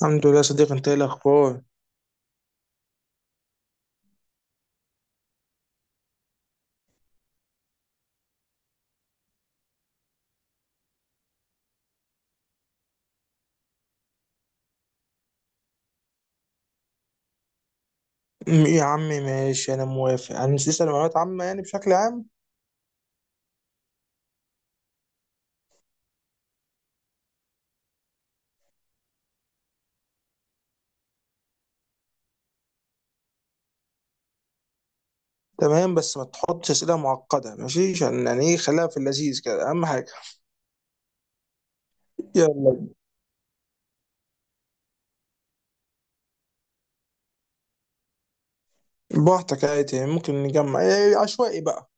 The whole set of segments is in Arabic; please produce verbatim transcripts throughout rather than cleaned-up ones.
الحمد لله صديق، انت ايه الاخبار؟ م- يا عم ماشي، انا موافق. هنسال معلومات عامه يعني بشكل عام. تمام، بس ما تحطش اسئله معقده، ماشي؟ عشان يعني ايه، خليها في اللذيذ كده، اهم حاجه. يلا، براحتك عادي، يعني ممكن نجمع ايه عشوائي بقى.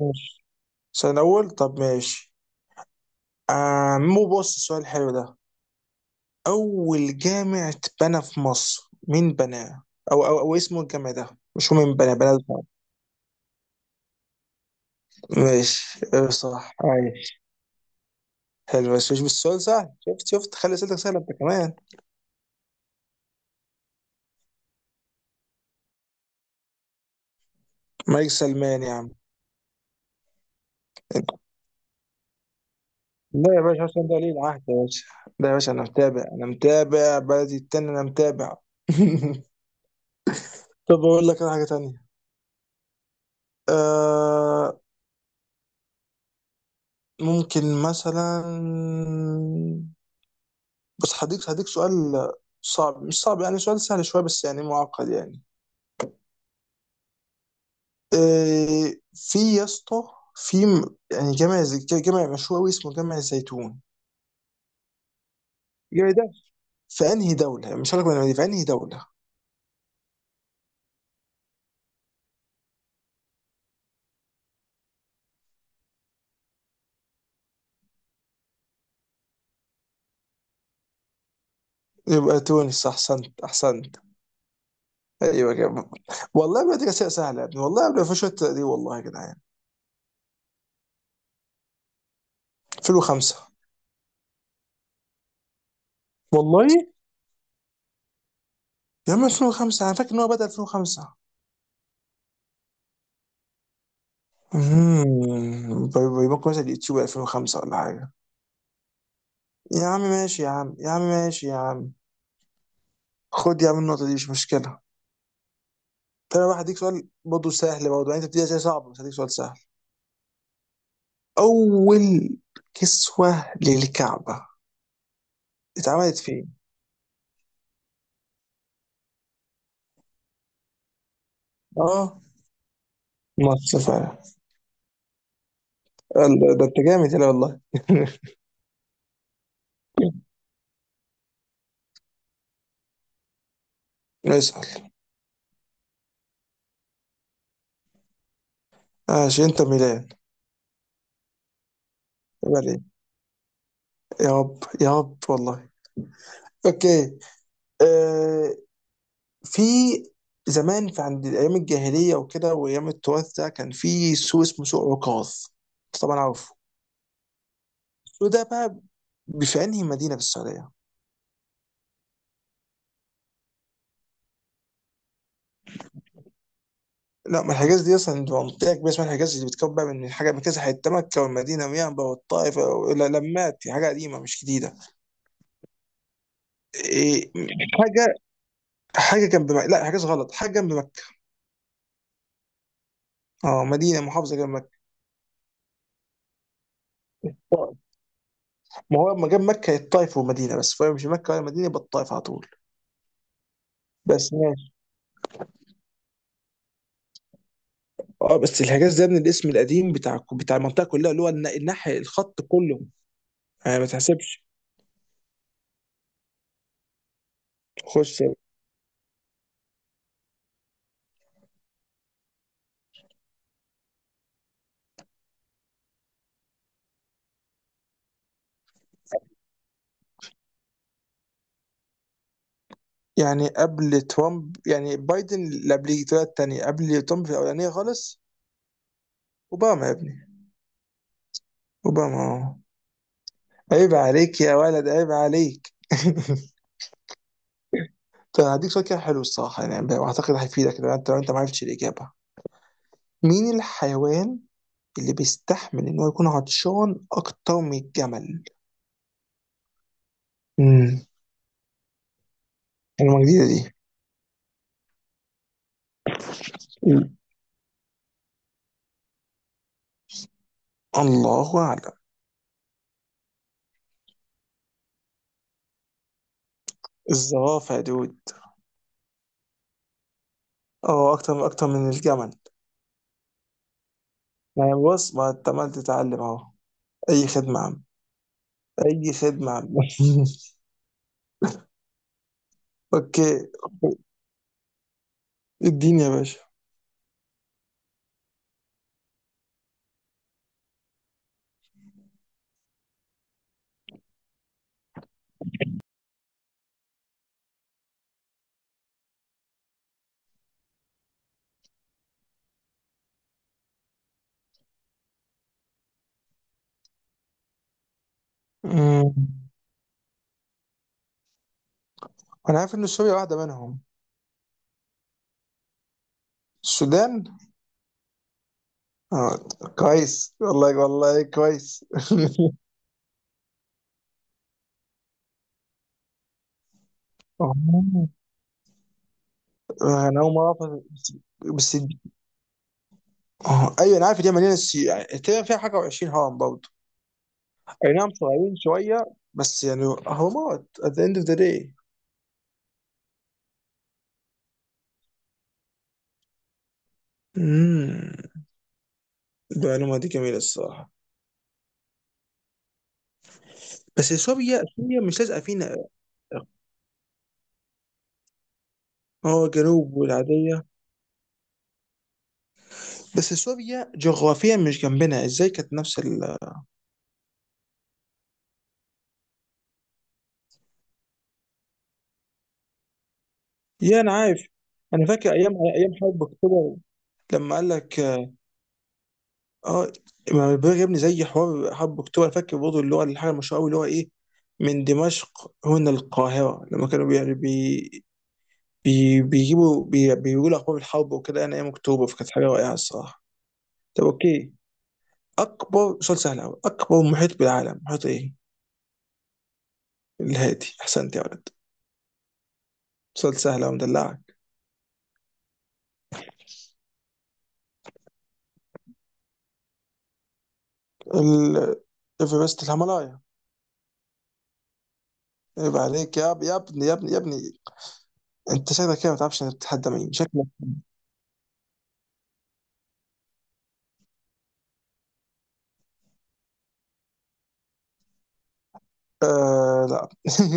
ماشي. السؤال الاول، طب ماشي. آه، مو بص السؤال الحلو ده. اول جامع اتبنى في مصر، مين بناه؟ او او, أو اسمه الجامع ده؟ مش هو مين بناه بناه ده. ماشي، اه، صح. حلو بس مش بالسؤال سهل. شفت شفت، خلي اسئلتك سهله انت كمان. مايك سلمان يا عم. لا يا باشا، عشان ده ولي العهد يا باشا. لا يا باشا، انا متابع، انا متابع بلدي التاني، انا متابع. طب اقول لك انا حاجه تانية. آه، ممكن مثلا. بس هديك هديك سؤال صعب، مش صعب يعني، سؤال سهل شويه بس يعني معقد يعني. آه في يا اسطى. في م- يعني جامع زي- جامع مشهور قوي اسمه جامع الزيتون. الجامع ده في انهي دولة؟ مش هقول لك بني آدمين، في انهي دولة. يبقى تونس، احسنت احسنت. ايوه كده. والله بدري اسئله سهله يا ابني، والله قبل في شويه دي، والله يا جدعان. ألفين وخمسة والله. يا عم ألفين وخمسة، انا فاكر ان هو بدأ ألفين وخمسة. امم، يبقى مثلا اليوتيوب ألفين وخمسة ولا حاجه؟ يا عم ماشي يا عم، يا عم ماشي يا عم. خد يا عم النقطه دي، مش مشكله. طب انا بقى هديك سؤال برضه سهل، برضه يعني انت بتديها زي صعب، بس هديك سؤال سهل. اول كسوه للكعبه اتعملت فين؟ اه، ماتش فعلا. قال ده انت جامد هنا والله. اسأل. عشان انت ميلان، يبقى ليه؟ يا رب يا رب والله. اوكي. آه، في زمان، في عند ايام الجاهليه وكده وايام التراث ده، كان في سوق اسمه سوق عكاظ. أنت طبعا عارفه. السوق ده بقى في انهي مدينه في السعوديه؟ لا، ما الحجاز دي اصلا دي منطقه كبيره اسمها الحجاز، اللي بتكون بقى من حاجه من كذا حته، مكه والمدينه وينبع والطائف. لا لمات حاجه قديمه مش جديده. إيه، حاجه، حاجه جنب مكه، لا حاجه غلط، حاجه جنب مكه. اه، مدينه محافظه جنب مكه. آه، ما هو لما جاب مكه هي الطائف ومدينه بس، فهي مش مكه ولا مدينه، يبقى الطائف على طول. بس ماشي. اه، بس الحجاز ده من الاسم القديم بتاع بتاع المنطقه كلها اللي هو النا- الناحيه، الخط كله. يعني ما تحسبش. خش. يعني قبل ترامب يعني بايدن، اللي قبل طلع التانية. قبل ترامب في الاولانيه خالص، اوباما يا ابني. اوباما، اه. عيب عليك يا ولد، عيب عليك. طب هديك سؤال كده حلو الصراحه، يعني واعتقد هيفيدك لو انت، لو انت ما عرفتش الاجابه. مين الحيوان اللي بيستحمل ان هو يكون عطشان اكتر من الجمل؟ امم. المعلومه جديده دي. مم. الله اعلم. الزرافه يا دود. اه، اكتر من اكتر من الجمل. يعني بص ما انت عمال تتعلم اهو. اي خدمه يا عم. اي خدمه يا عم. اوكي. اديني يا باشا. مم. انا عارف ان سوريا واحده منهم. السودان. اه، كويس والله والله كويس. آه، انا اول مره أعرف، بس. اه ايوه انا عارف دي مليانه سي، يعني تقريبا فيها حاجه و20 هرم برضه. اي نعم، صغيرين شويه بس يعني هرمات at the end of the day. امم. المعلومه دي جميله الصراحه. بس سوريا، سوريا مش لازقه فينا. اه، جنوب والعاديه. بس سوريا جغرافيا مش جنبنا، ازاي كانت نفس ال-. يا انا عارف. انا فاكر ايام ايام حرب اكتوبر لما قال لك. اه ما البلاغ يا ابني زي حوار حرب اكتوبر، أنا فاكر برضه اللي هو الحاجه المشهوره قوي اللي هو ايه. من دمشق هنا القاهره، لما كانوا بي يعني بي بي بيجيبوا، بي بيقولوا اخبار الحرب وكده، انا ايام اكتوبر، فكانت حاجه رائعه الصراحه. طب اوكي. اكبر سؤال سهل قوي، اكبر محيط بالعالم محيط ايه؟ الهادي، احسنت يا ولد. سؤال سهل قوي، مدلعك. ال- ايفرست الهيمالايا. عيب عليك يا ب- يا ابني، يا ابني، يا ابني. انت شكلك كده ما تعرفش تتحدى مين، شكلك. آه لا.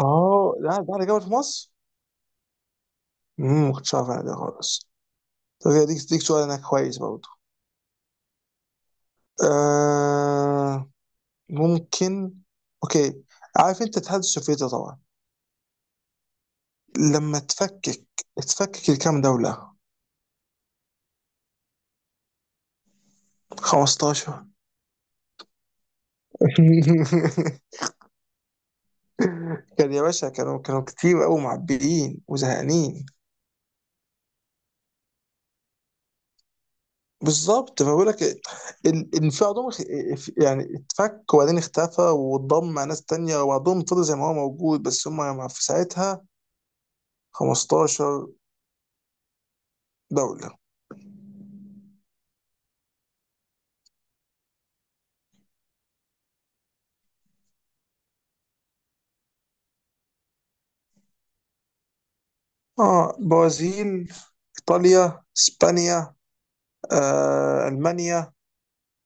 اه لا، ده على جبل في مصر. امم، ما كنتش عارف انا ده خالص. طب ديك ديك سؤال انا كويس برضه. آه، ممكن. اوكي. عارف انت الاتحاد السوفيتي طبعا. لما تفكك، تفكك لكام دولة؟ خمستاشر. كان يا باشا، كانوا كانوا كتير قوي معبيين وزهقانين. بالظبط، فبقول لك ال- الانفعال عندهم خ- يعني اتفك وبعدين اختفى واتضم مع ناس تانية، وبعضهم فضل زي ما هو موجود، بس هم في ساعتها خمستاشر دولة. اه، برازيل، ايطاليا، اسبانيا، آه، المانيا،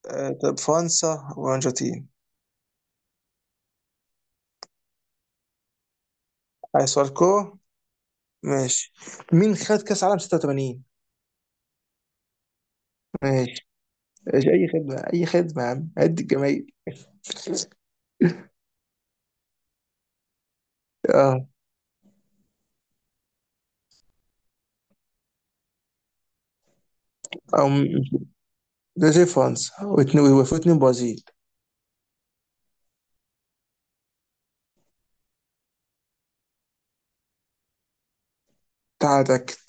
آه، طب فرنسا والارجنتين. عايز سؤال كورة، ماشي. مين خد كاس عالم ستة وتمانين؟ ماشي. ماشي، اي خدمة اي خدمة يا عم، عد الجماهير. اه. او ده زي فرنسا واثنين وفوا اتنين برازيل. تعال اتاكد